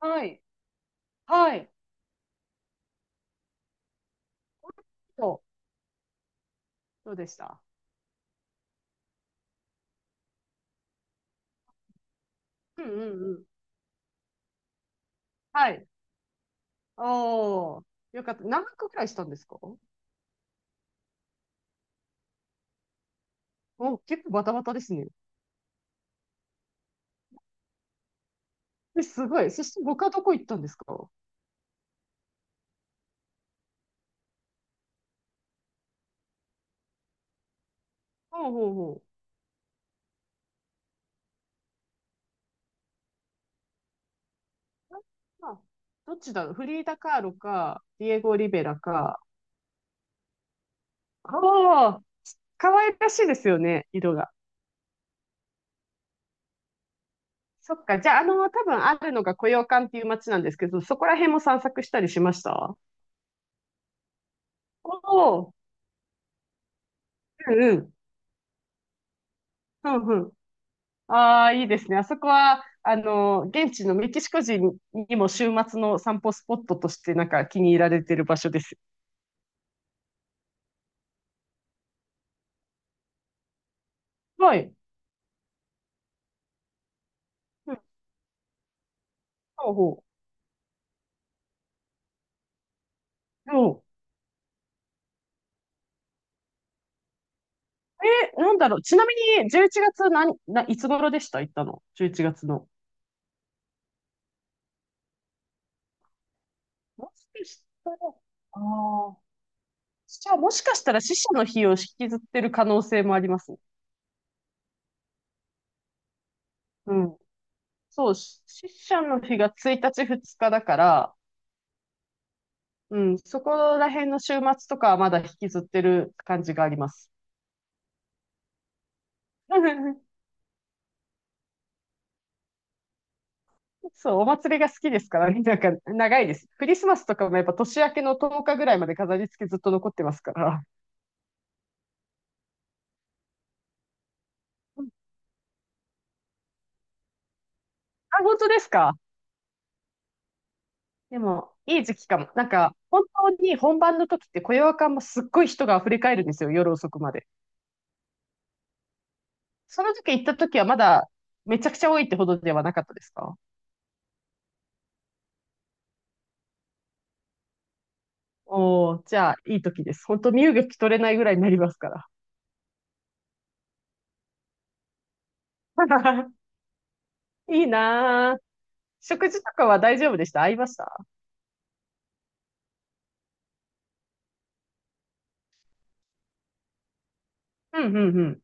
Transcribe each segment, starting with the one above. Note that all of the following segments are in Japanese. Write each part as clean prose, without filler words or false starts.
はい。はい。そう。どうでした？うんうんうん。はい。おー。よかった。何泊くらいしたんですか？お、結構バタバタですね。え、すごい。そして他どこ行ったんですか？ほうほうほう。あ、まあ、どっちだろう、フリーダ・カーロか、ディエゴ・リベラか。ああ、可愛らしいですよね、色が。そっか。じゃあ、多分あるのがコヨーカンっていう街なんですけど、そこら辺も散策したりしました？おおー。うんうん。うん。ああ、いいですね。あそこは、現地のメキシコ人にも週末の散歩スポットとしてなんか気に入られてる場所です。はい。うん、ほうほう。そう。え、なんだろう。ちなみに、11月いつ頃でした？行ったの？ 11 月の。もしかしたら、ああ、じゃあもしかしたら死者の日を引きずってる可能性もあります。うん。そう、死者の日が1日、2日だから、うん、そこら辺の週末とかはまだ引きずってる感じがあります。そう、お祭りが好きですからね。なんか、長いです。クリスマスとかもやっぱ年明けの10日ぐらいまで飾り付けずっと残ってますから。うん。あ、本当ですか？でも、いい時期かも。なんか、本当に本番の時って、雇用感もすっごい人が溢れ返るんですよ、夜遅くまで。その時行った時はまだ、めちゃくちゃ多いってほどではなかったですか？おおー、じゃあ、いい時です。本当、身動き取れないぐらいになりますから。いいなぁ。食事とかは大丈夫でした？合いました？うん、うん、うん。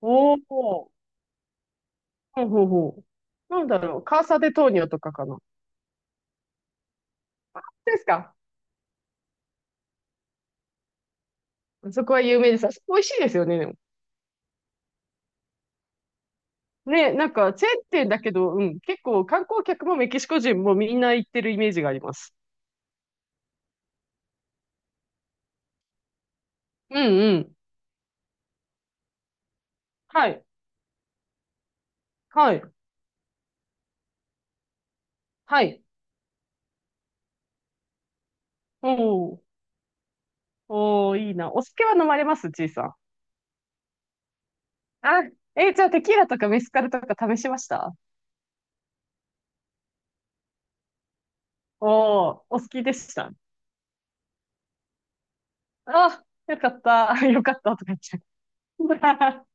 おお。ほうほうほう。なんだろう。カーサデトーニョとかかな。ですか？そこは有名です。あそこ美味しいですよね、でも。ね、なんか、チェーン店だけど、うん、結構観光客もメキシコ人もみんな行ってるイメージがあります。うんうん。はい。はい。はい。おー。おー、いいな。お酒は飲まれます？ちいさん。あ、えー、じゃあテキーラとかメスカルとか試しました？おー、お好きでした？あ、よかった。よかったとか言っちゃう。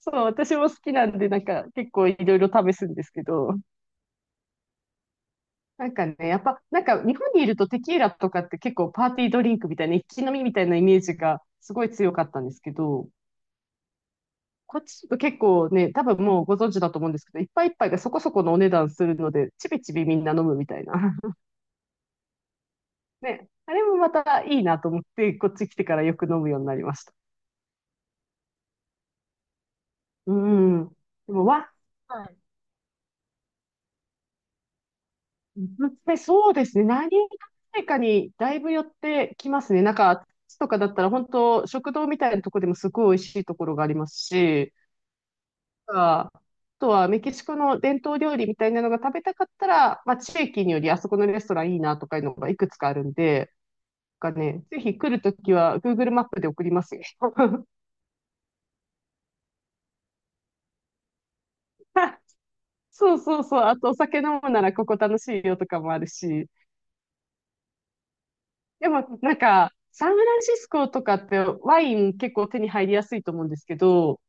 そう、私も好きなんで、なんか結構いろいろ試すんですけど、なんかね、やっぱ、なんか日本にいるとテキーラとかって結構パーティードリンクみたいな、一気飲みみたいなイメージがすごい強かったんですけど、こっちだと結構ね、多分もうご存知だと思うんですけど、いっぱいいっぱいがそこそこのお値段するので、ちびちびみんな飲むみたいな。ね、あれもまたいいなと思って、こっち来てからよく飲むようになりました。うん。でも、わ、で、まねそうですね。何がかにだいぶ寄ってきますね。なんか、とかだったら本当、食堂みたいなとこでもすごい美味しいところがありますし、あとはメキシコの伝統料理みたいなのが食べたかったら、まあ、地域によりあそこのレストランいいなとかいうのがいくつかあるんで、なんかね、ぜひ来るときは Google マップで送りますよ。そうそうそう。あとお酒飲むならここ楽しいよとかもあるし。でも、なんか、サンフランシスコとかってワイン結構手に入りやすいと思うんですけど、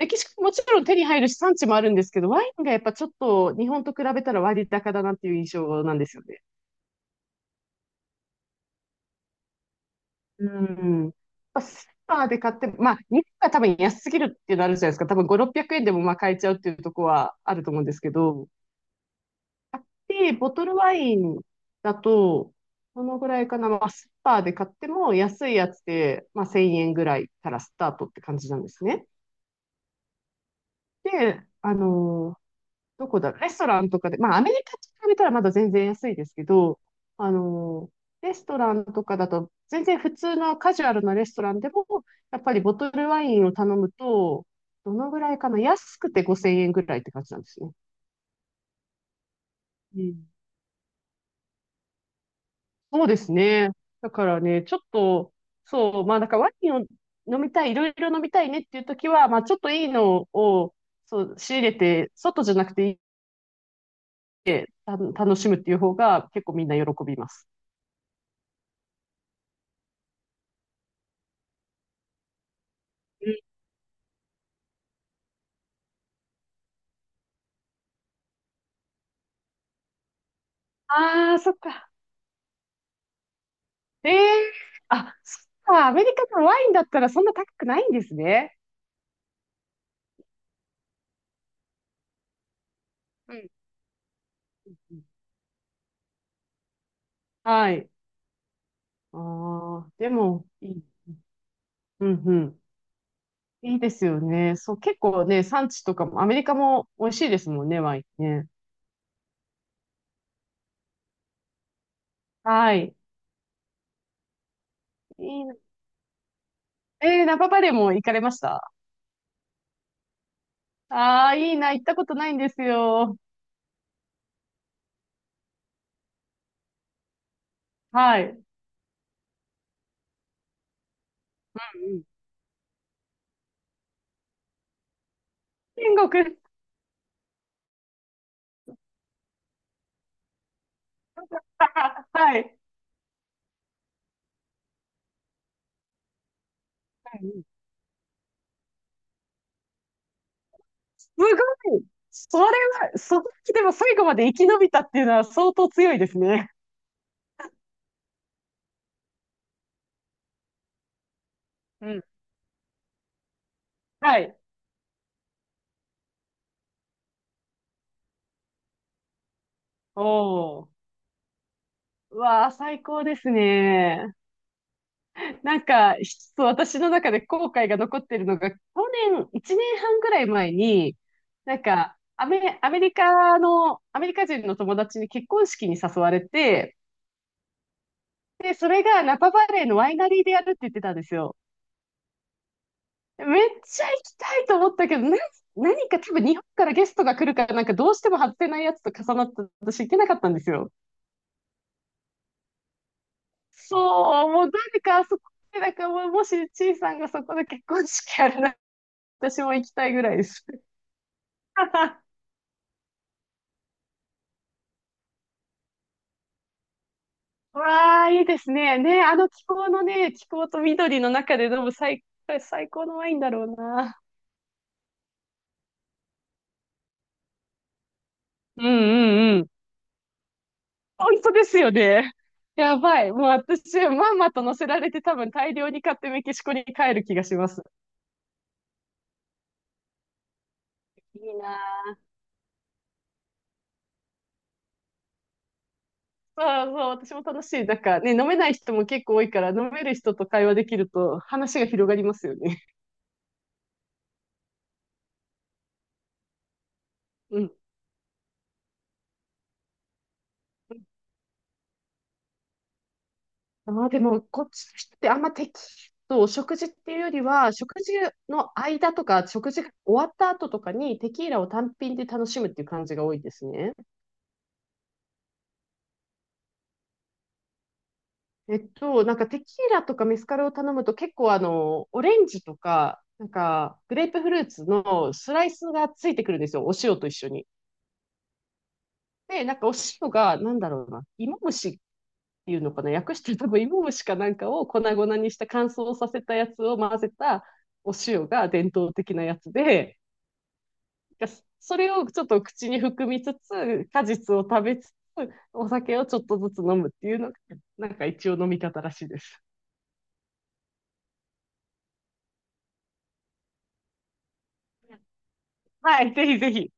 メキシコもちろん手に入るし産地もあるんですけど、ワインがやっぱちょっと日本と比べたら割高だなっていう印象なんですよね。うん。まあスーパーで買って、まあ、日本が多分安すぎるっていうのあるじゃないですか。多分5、600円でもまあ買えちゃうっていうところはあると思うんですけど、で、ボトルワインだと、このぐらいかな、まあ、スーパーで買っても安いやつで、まあ、1000円ぐらいからスタートって感じなんですね。で、どこだろう、レストランとかで、まあ、アメリカと比べたらまだ全然安いですけど、あの、レストランとかだと、全然普通のカジュアルなレストランでも、やっぱりボトルワインを頼むと、どのぐらいかな、安くて5000円ぐらいって感じなんですね。うん。そうですね。だからね、ちょっと、そう、まあ、だからワインを飲みたい、いろいろ飲みたいねっていう時は、まあ、ちょっといいのを、そう、仕入れて、外じゃなくて楽しむっていう方が結構みんな喜びます。ああー、そっか。ええ、あ、そっか。アメリカのワインだったらそんな高くないんですね。うんうん。はい。ああ、でも、いい。うんうん。いいですよね。そう、結構ね、産地とかも、アメリカも美味しいですもんね、ワインね。はい。いいな。えー、ナパバレーも行かれました？ああー、いいな。行ったことないんですよ。はい。うん。天国。はい。ごい。それは、その時でも最後まで生き延びたっていうのは相当強いですね。うん。はい。おー。うわあ、最高ですね。なんか、一つ私の中で後悔が残ってるのが、去年、1年半ぐらい前に、なんか、アメリカ人の友達に結婚式に誘われて、で、それがナパバレーのワイナリーでやるって言ってたんですよ。めっちゃ行きたいと思ったけど、な、何か多分日本からゲストが来るから、なんかどうしても外せないやつと重なって、私行けなかったんですよ。そう、もう誰かあそこで、なんかもうもしちいさんがそこで結婚式やるなら、私も行きたいぐらいです。わあ、いいですね。ね、あの気候のね、気候と緑の中で飲む最高のワインだろうな。うんうんうん。本当ですよね。やばい。もう私、まんまと乗せられて多分大量に買ってメキシコに帰る気がします。いいなぁ。そうそう、私も楽しい。なんかね、飲めない人も結構多いから、飲める人と会話できると話が広がりますよね。うん。ああ、でも、こっちの人ってあんま適当、食事っていうよりは、食事の間とか、食事が終わった後とかにテキーラを単品で楽しむっていう感じが多いですね。なんかテキーラとかメスカルを頼むと結構オレンジとか、なんか、グレープフルーツのスライスがついてくるんですよ。お塩と一緒に。で、なんかお塩が、なんだろうな、芋虫ていうのかな、訳して多分芋虫かなんかを粉々にした乾燥させたやつを混ぜたお塩が伝統的なやつで、それをちょっと口に含みつつ、果実を食べつつ、お酒をちょっとずつ飲むっていうのが、なんか一応飲み方らしいです。はい、ぜひぜひ。